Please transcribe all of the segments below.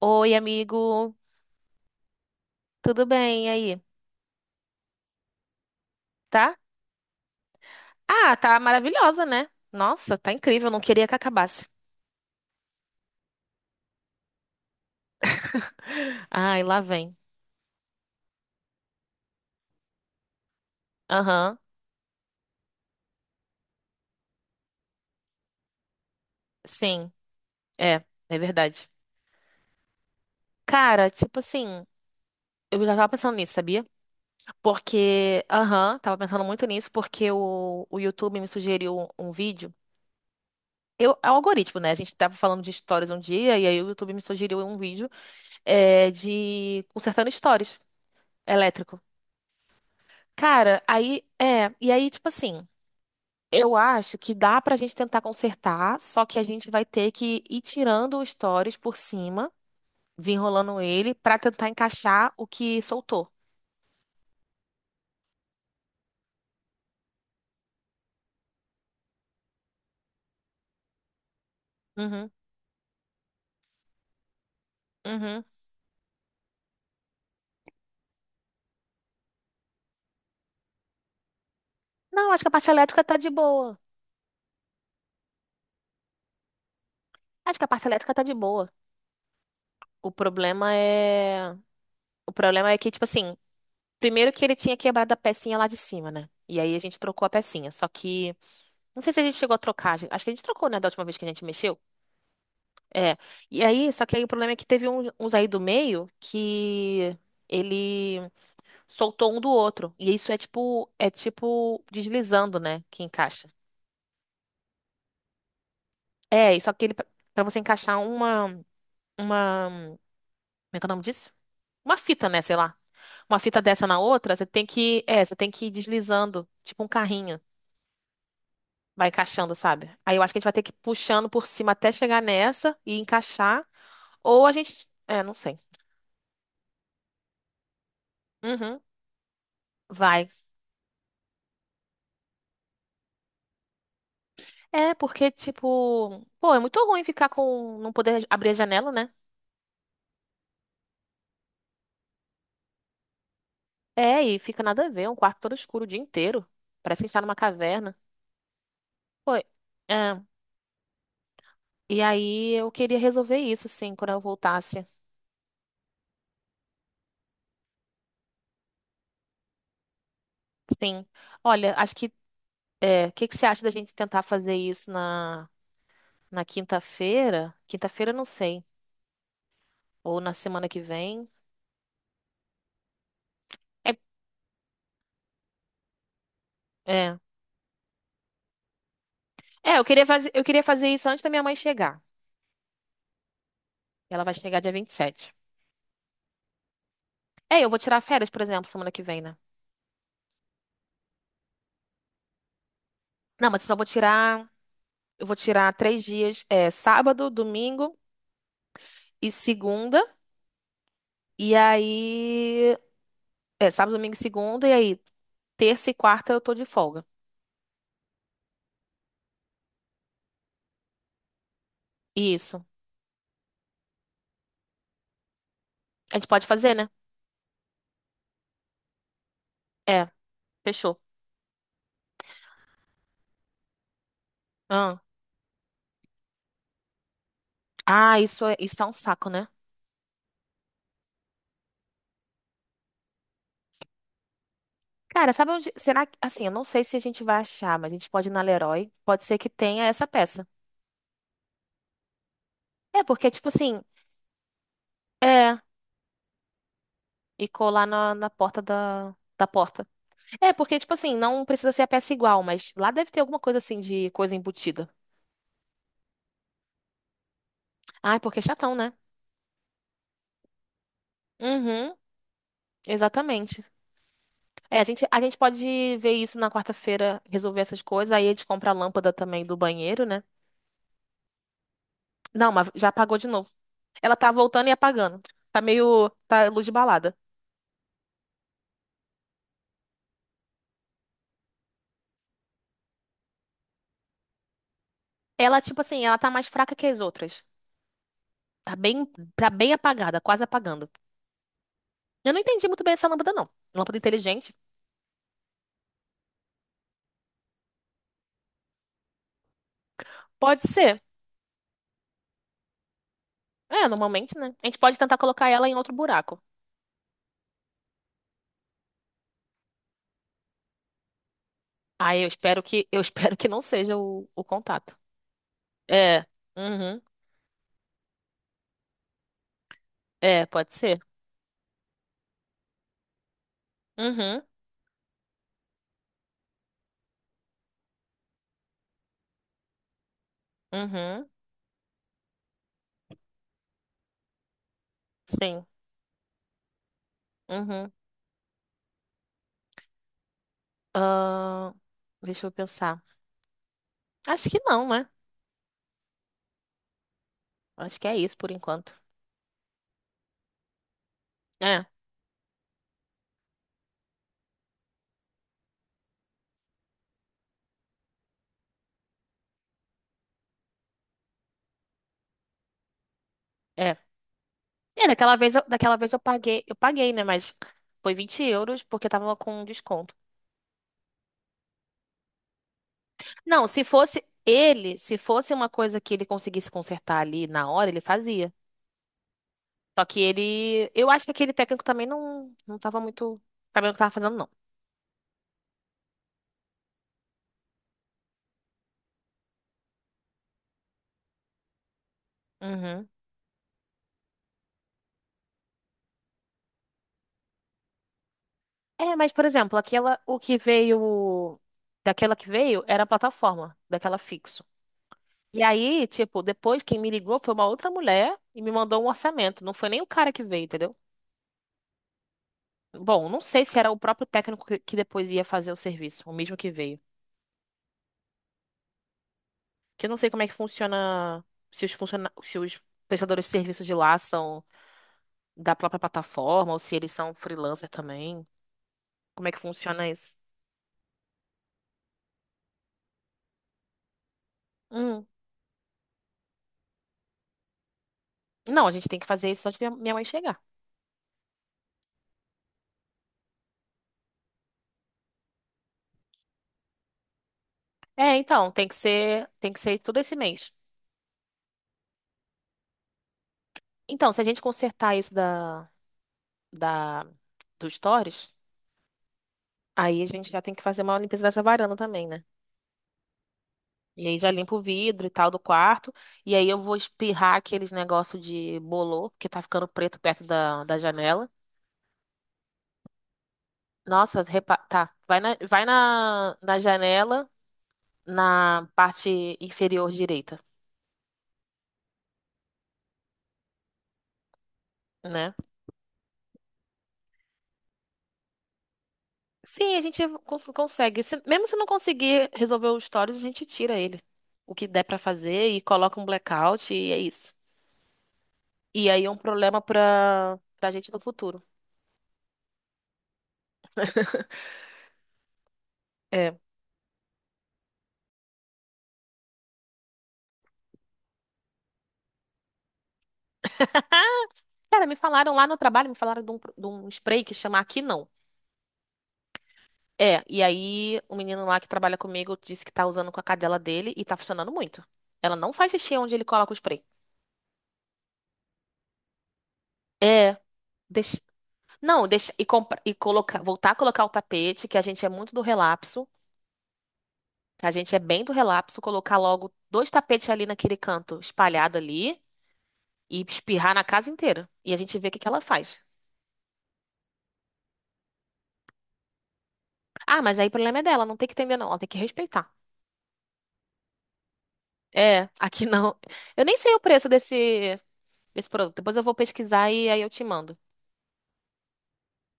Oi, amigo. Tudo bem e aí? Tá? Ah, tá maravilhosa, né? Nossa, tá incrível. Não queria que acabasse. Ai, lá vem. Aham, sim. É, é verdade. Cara, tipo assim, eu já tava pensando nisso, sabia? Porque, aham, tava pensando muito nisso porque o YouTube me sugeriu um vídeo. É o algoritmo, né? A gente tava falando de histórias um dia e aí o YouTube me sugeriu um vídeo de consertando stories elétrico. Cara, aí e aí, tipo assim, eu acho que dá pra gente tentar consertar, só que a gente vai ter que ir tirando os stories por cima, desenrolando ele, pra tentar encaixar o que soltou. Uhum, uhum. Não, acho que a parte elétrica tá de boa. Acho que a parte elétrica tá de boa. O problema é. O problema é que, tipo assim, primeiro que ele tinha quebrado a pecinha lá de cima, né? E aí a gente trocou a pecinha. Só que. Não sei se a gente chegou a trocar. Acho que a gente trocou, né, da última vez que a gente mexeu. É. E aí, só que aí o problema é que teve uns aí do meio que ele soltou um do outro. E isso é tipo, deslizando, né? Que encaixa. É, e só que ele, pra você encaixar uma, como é que é o nome disso? Uma fita, né? Sei lá. Uma fita dessa na outra, você tem que ir deslizando, tipo um carrinho. Vai encaixando, sabe? Aí eu acho que a gente vai ter que ir puxando por cima até chegar nessa e encaixar. Ou a gente, não sei. Uhum. Vai. É, porque, tipo, pô, é muito ruim ficar com, não poder abrir a janela, né? É, e fica nada a ver, um quarto todo escuro o dia inteiro. Parece que a gente tá numa caverna. Pô, é. E aí eu queria resolver isso, sim, quando eu voltasse. Sim. Olha, acho que, o que que você acha da gente tentar fazer isso na quinta-feira? Quinta-feira, eu não sei. Ou na semana que vem. É, é. É, eu queria fazer isso antes da minha mãe chegar. Ela vai chegar dia 27. É, eu vou tirar férias, por exemplo, semana que vem, né? Não, mas eu só vou tirar. Eu vou tirar 3 dias. É sábado, domingo e segunda. E aí. É sábado, domingo e segunda. E aí, terça e quarta eu tô de folga. Isso. A gente pode fazer, né? É, fechou. Ah, ah, isso tá um saco, né? Cara, sabe onde. Será que. Assim, eu não sei se a gente vai achar, mas a gente pode ir na Leroy. Pode ser que tenha essa peça. É, porque, tipo assim. É. E colar na porta da porta. É, porque, tipo assim, não precisa ser a peça igual, mas lá deve ter alguma coisa assim de coisa embutida. Ai, porque é chatão, né? Uhum, exatamente. É, a gente pode ver isso na quarta-feira, resolver essas coisas. Aí a gente compra a lâmpada também do banheiro, né? Não, mas já apagou de novo. Ela tá voltando e apagando. Tá meio. Tá luz de balada. Ela, tipo assim, ela tá mais fraca que as outras. Tá bem, tá bem apagada, quase apagando. Eu não entendi muito bem essa lâmpada, não. Lâmpada inteligente? Pode ser. É, normalmente, né? A gente pode tentar colocar ela em outro buraco. Aí eu espero que não seja o contato. É. Uhum. É, pode ser. Uhum. Uhum. Sim. Uhum. Ahn, deixa eu pensar. Acho que não, né? Acho que é isso por enquanto. É, é. É, daquela vez, daquela vez eu paguei, né? Mas foi 20 euros porque tava com um desconto. Não, se fosse ele, se fosse uma coisa que ele conseguisse consertar ali na hora, ele fazia. Só que ele, eu acho que aquele técnico também não, não tava muito sabendo o que tava fazendo, não. Uhum. É, mas, por exemplo, aquela, o que veio, daquela que veio era a plataforma, daquela fixo. E aí, tipo, depois quem me ligou foi uma outra mulher e me mandou um orçamento. Não foi nem o cara que veio, entendeu? Bom, não sei se era o próprio técnico que depois ia fazer o serviço, o mesmo que veio. Que eu não sei como é que funciona, se os prestadores de serviços de lá são da própria plataforma ou se eles são freelancer também. Como é que funciona isso? Hum. Não, a gente tem que fazer isso antes de minha mãe chegar. É, então, tem que ser todo esse mês. Então, se a gente consertar isso da, do Stories, aí a gente já tem que fazer uma limpeza dessa varanda também, né? E aí já limpa o vidro e tal do quarto. E aí eu vou espirrar aqueles negócio de bolor, que tá ficando preto perto da janela. Nossa, tá. Vai na janela, na parte inferior direita, né? Sim, a gente consegue. Mesmo se não conseguir resolver o stories, a gente tira ele. O que der pra fazer e coloca um blackout e é isso. E aí é um problema pra gente no futuro. É. Cara, me falaram lá no trabalho, me falaram de um spray que chama Aqui Não. É, e aí o menino lá que trabalha comigo disse que tá usando com a cadela dele e tá funcionando muito. Ela não faz xixi onde ele coloca o spray. É, deixa, não, deixa e, compra, e coloca, voltar a colocar o tapete, que a gente é muito do relapso. A gente é bem do relapso colocar logo dois tapetes ali naquele canto espalhado ali e espirrar na casa inteira. E a gente vê o que que ela faz. Ah, mas aí o problema é dela, não tem que entender não, ela tem que respeitar. É, aqui não. Eu nem sei o preço desse produto. Depois eu vou pesquisar e aí eu te mando.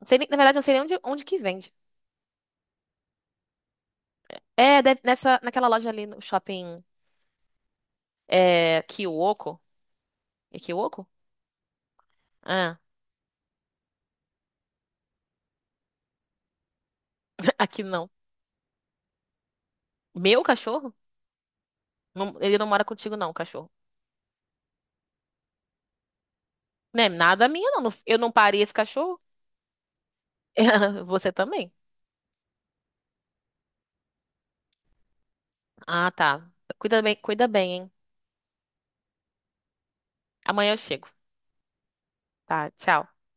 Não sei na verdade, eu não sei nem onde que vende. É, nessa, naquela loja ali no shopping Kiwoko. É Kiwoko? Ah, aqui não. Meu cachorro? Ele não mora contigo não, cachorro. Não é nada minha não. Eu não parei esse cachorro. Você também. Ah, tá. Cuida bem, hein? Amanhã eu chego. Tá, tchau.